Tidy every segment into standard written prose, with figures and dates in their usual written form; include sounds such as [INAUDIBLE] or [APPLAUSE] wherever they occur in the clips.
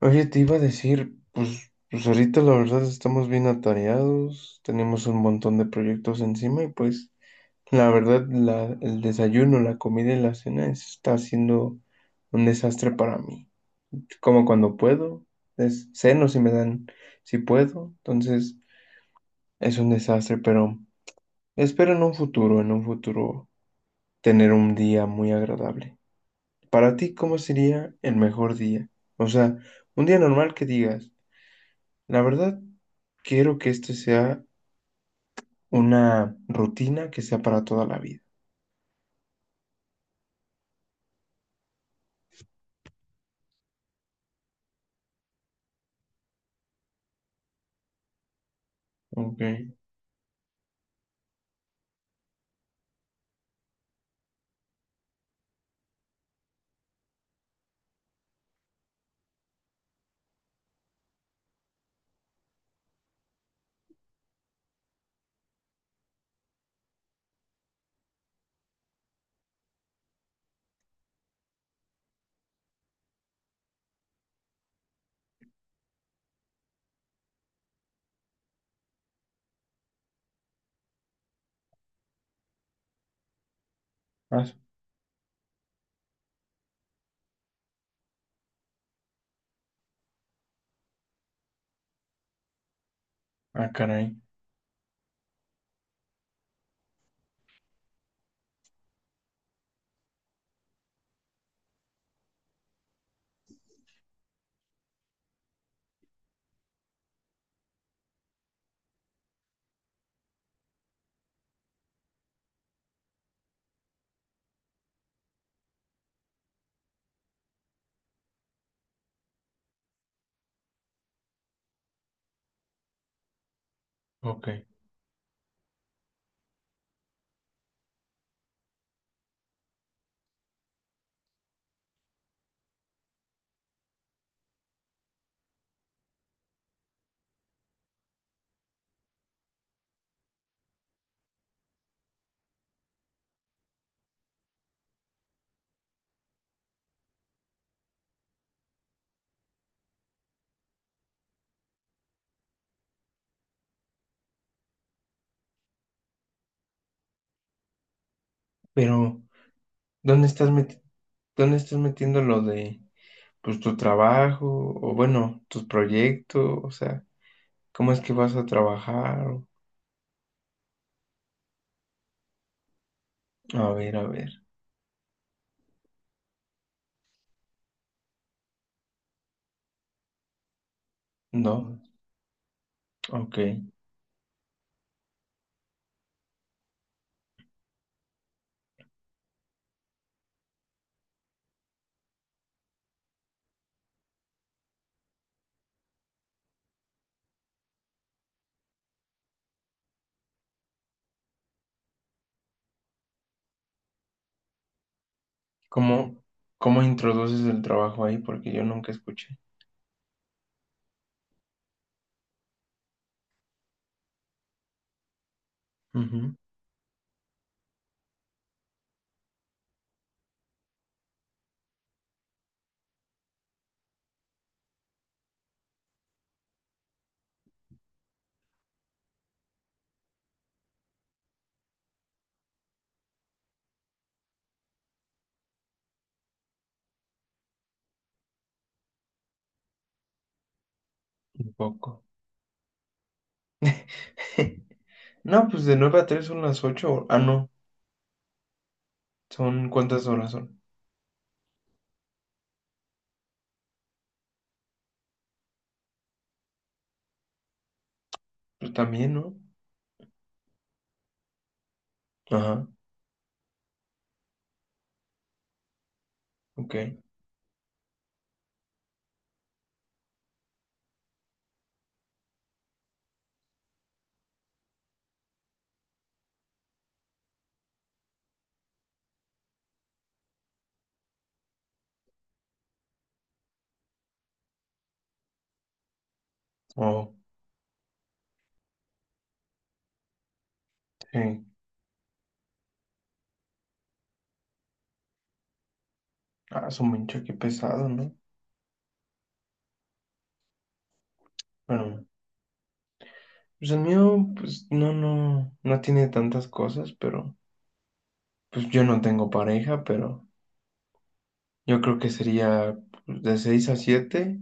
Oye, te iba a decir, pues ahorita la verdad estamos bien atareados, tenemos un montón de proyectos encima y pues la verdad el desayuno, la comida y la cena está siendo un desastre para mí. Como cuando puedo, es ceno si me dan, si puedo, entonces es un desastre, pero espero en un futuro tener un día muy agradable. Para ti, ¿cómo sería el mejor día? O sea, un día normal que digas. La verdad, quiero que esto sea una rutina que sea para toda la vida. Ok. Ah, su- ah, caray. Ok. Pero, ¿dónde estás meti- ¿dónde estás metiendo lo de, pues, tu trabajo o, bueno, tus proyectos? O sea, ¿cómo es que vas a trabajar? O... A ver, a ver. No. Ok. ¿Cómo, ¿cómo introduces el trabajo ahí? Porque yo nunca escuché. Ujú. Un poco. [LAUGHS] No, pues de 9 a 3 son las 8. Ah, no. ¿Son cuántas horas son? Pues también, ¿no? Ajá, ok. Oh, sí. Ah, su mancha, qué pesado, ¿no? Bueno, pues el mío, pues no tiene tantas cosas, pero pues yo no tengo pareja, pero yo creo que sería pues, de 6 a 7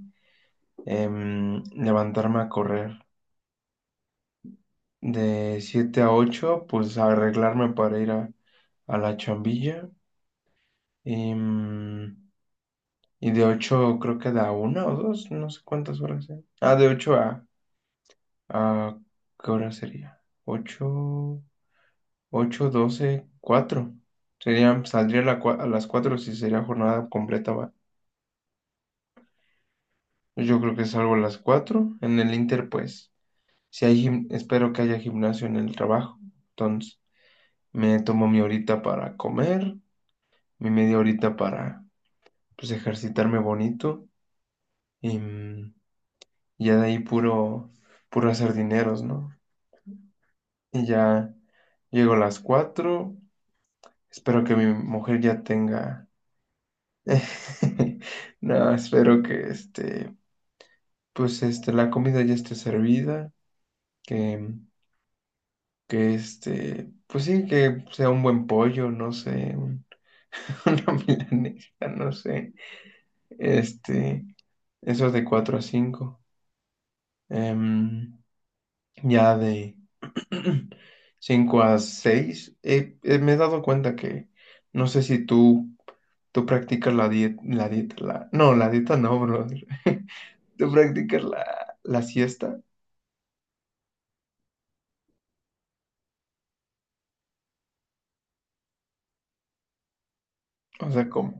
levantarme a correr. De 7 a 8 pues arreglarme para a la chambilla. Y Y de 8 creo que da una o dos, no sé cuántas horas sean. Ah, de ocho a ¿qué hora sería? Ocho, ocho, doce, cuatro. Serían, saldría a, la cua- a las 4 si sería jornada completa, va. Yo creo que salgo a las cuatro. En el Inter, pues, si hay gim- espero que haya gimnasio en el trabajo. Entonces, me tomo mi horita para comer, mi media horita para, pues, ejercitarme bonito. Y ya de ahí puro hacer dineros, ¿no? Y ya llego a las cuatro. Espero que mi mujer ya tenga. [LAUGHS] No, espero que la comida ya esté servida. Que, pues sí, que sea un buen pollo, no sé, un... [LAUGHS] una milanesa, no sé. Este, eso de 4 a cinco. Em, ya de [CLEARS THROAT] 5 a 6 me he dado cuenta que no sé si tú. Tú practicas la dieta. No, la dieta no, brother. [LAUGHS] ¿Tú practicas la siesta? O sea, ¿cómo?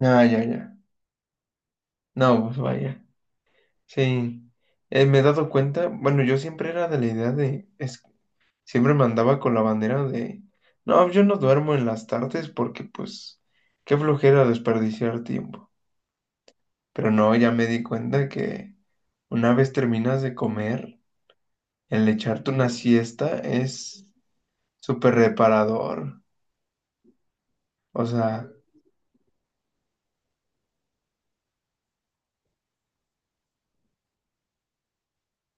Ah, ya, ya. No, pues vaya. Sí. Me he dado cuenta, bueno, yo siempre era de la idea de, siempre me andaba con la bandera de, no, yo no duermo en las tardes porque pues, qué flojera desperdiciar tiempo. Pero no, ya me di cuenta que una vez terminas de comer, el echarte una siesta es súper reparador. O sea,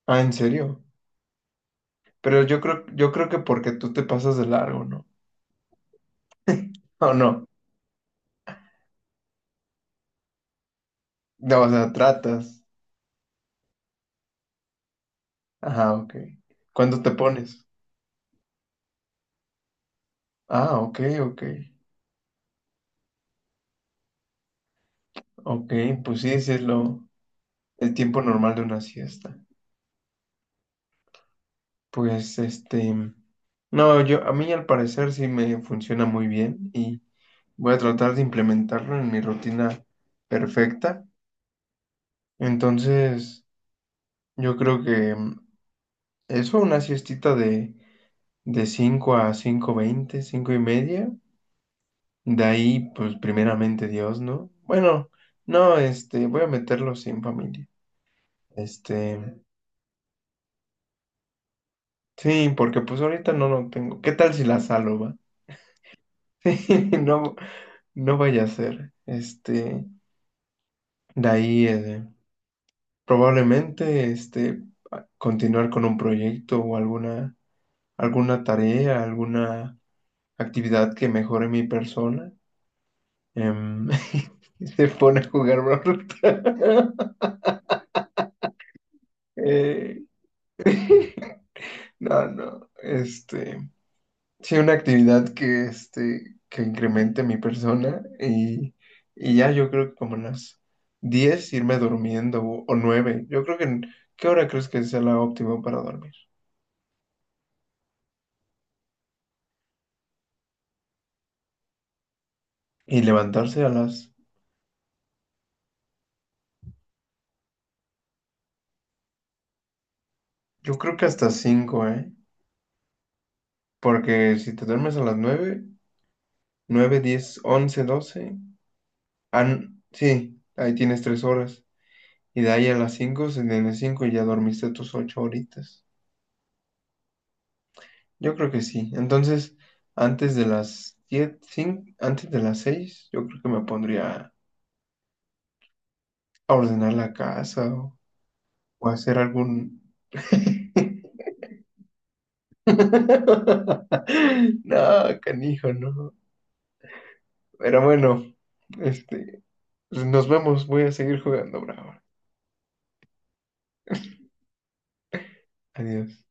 ah, ¿en serio? Pero yo creo que porque tú te pasas de largo, ¿no? [LAUGHS] ¿O no? No, o sea, tratas. Ajá, ok. ¿Cuándo te pones? Ah, ok, ok. Ok, pues sí, sí es lo, el tiempo normal de una siesta. Pues este, no, yo, a mí al parecer sí me funciona muy bien y voy a tratar de implementarlo en mi rutina perfecta. Entonces, yo creo que eso, una siestita de 5 a cinco veinte, cinco y media. De ahí, pues primeramente Dios, ¿no? Bueno, no, este, voy a meterlo sin familia. Este, sí, porque pues ahorita no lo tengo. ¿Qué tal si la salo, va? [LAUGHS] Sí, no, no vaya a ser. Este, de ahí, probablemente, este, continuar con un proyecto o alguna tarea, alguna actividad que mejore mi persona. Em, [LAUGHS] y se pone a jugar Brawl Stars. [LAUGHS] Eh, no, no, este, sí, una actividad que, este, que incremente mi persona y ya yo creo que como las 10 irme durmiendo o 9, yo creo que, ¿qué hora crees que sea la óptima para dormir? Y levantarse a las, yo creo que hasta cinco, ¿eh? Porque si te duermes a las nueve, nueve, diez, once, doce, sí, ahí tienes 3 horas. Y de ahí a las 5, de las 5 ya dormiste tus 8 horitas. Yo creo que sí. Entonces, antes de las seis, yo creo que me pondría a ordenar la casa o hacer algún... [LAUGHS] No, canijo, no. Pero bueno, este, pues nos vemos. Voy a seguir jugando, bravo. Adiós.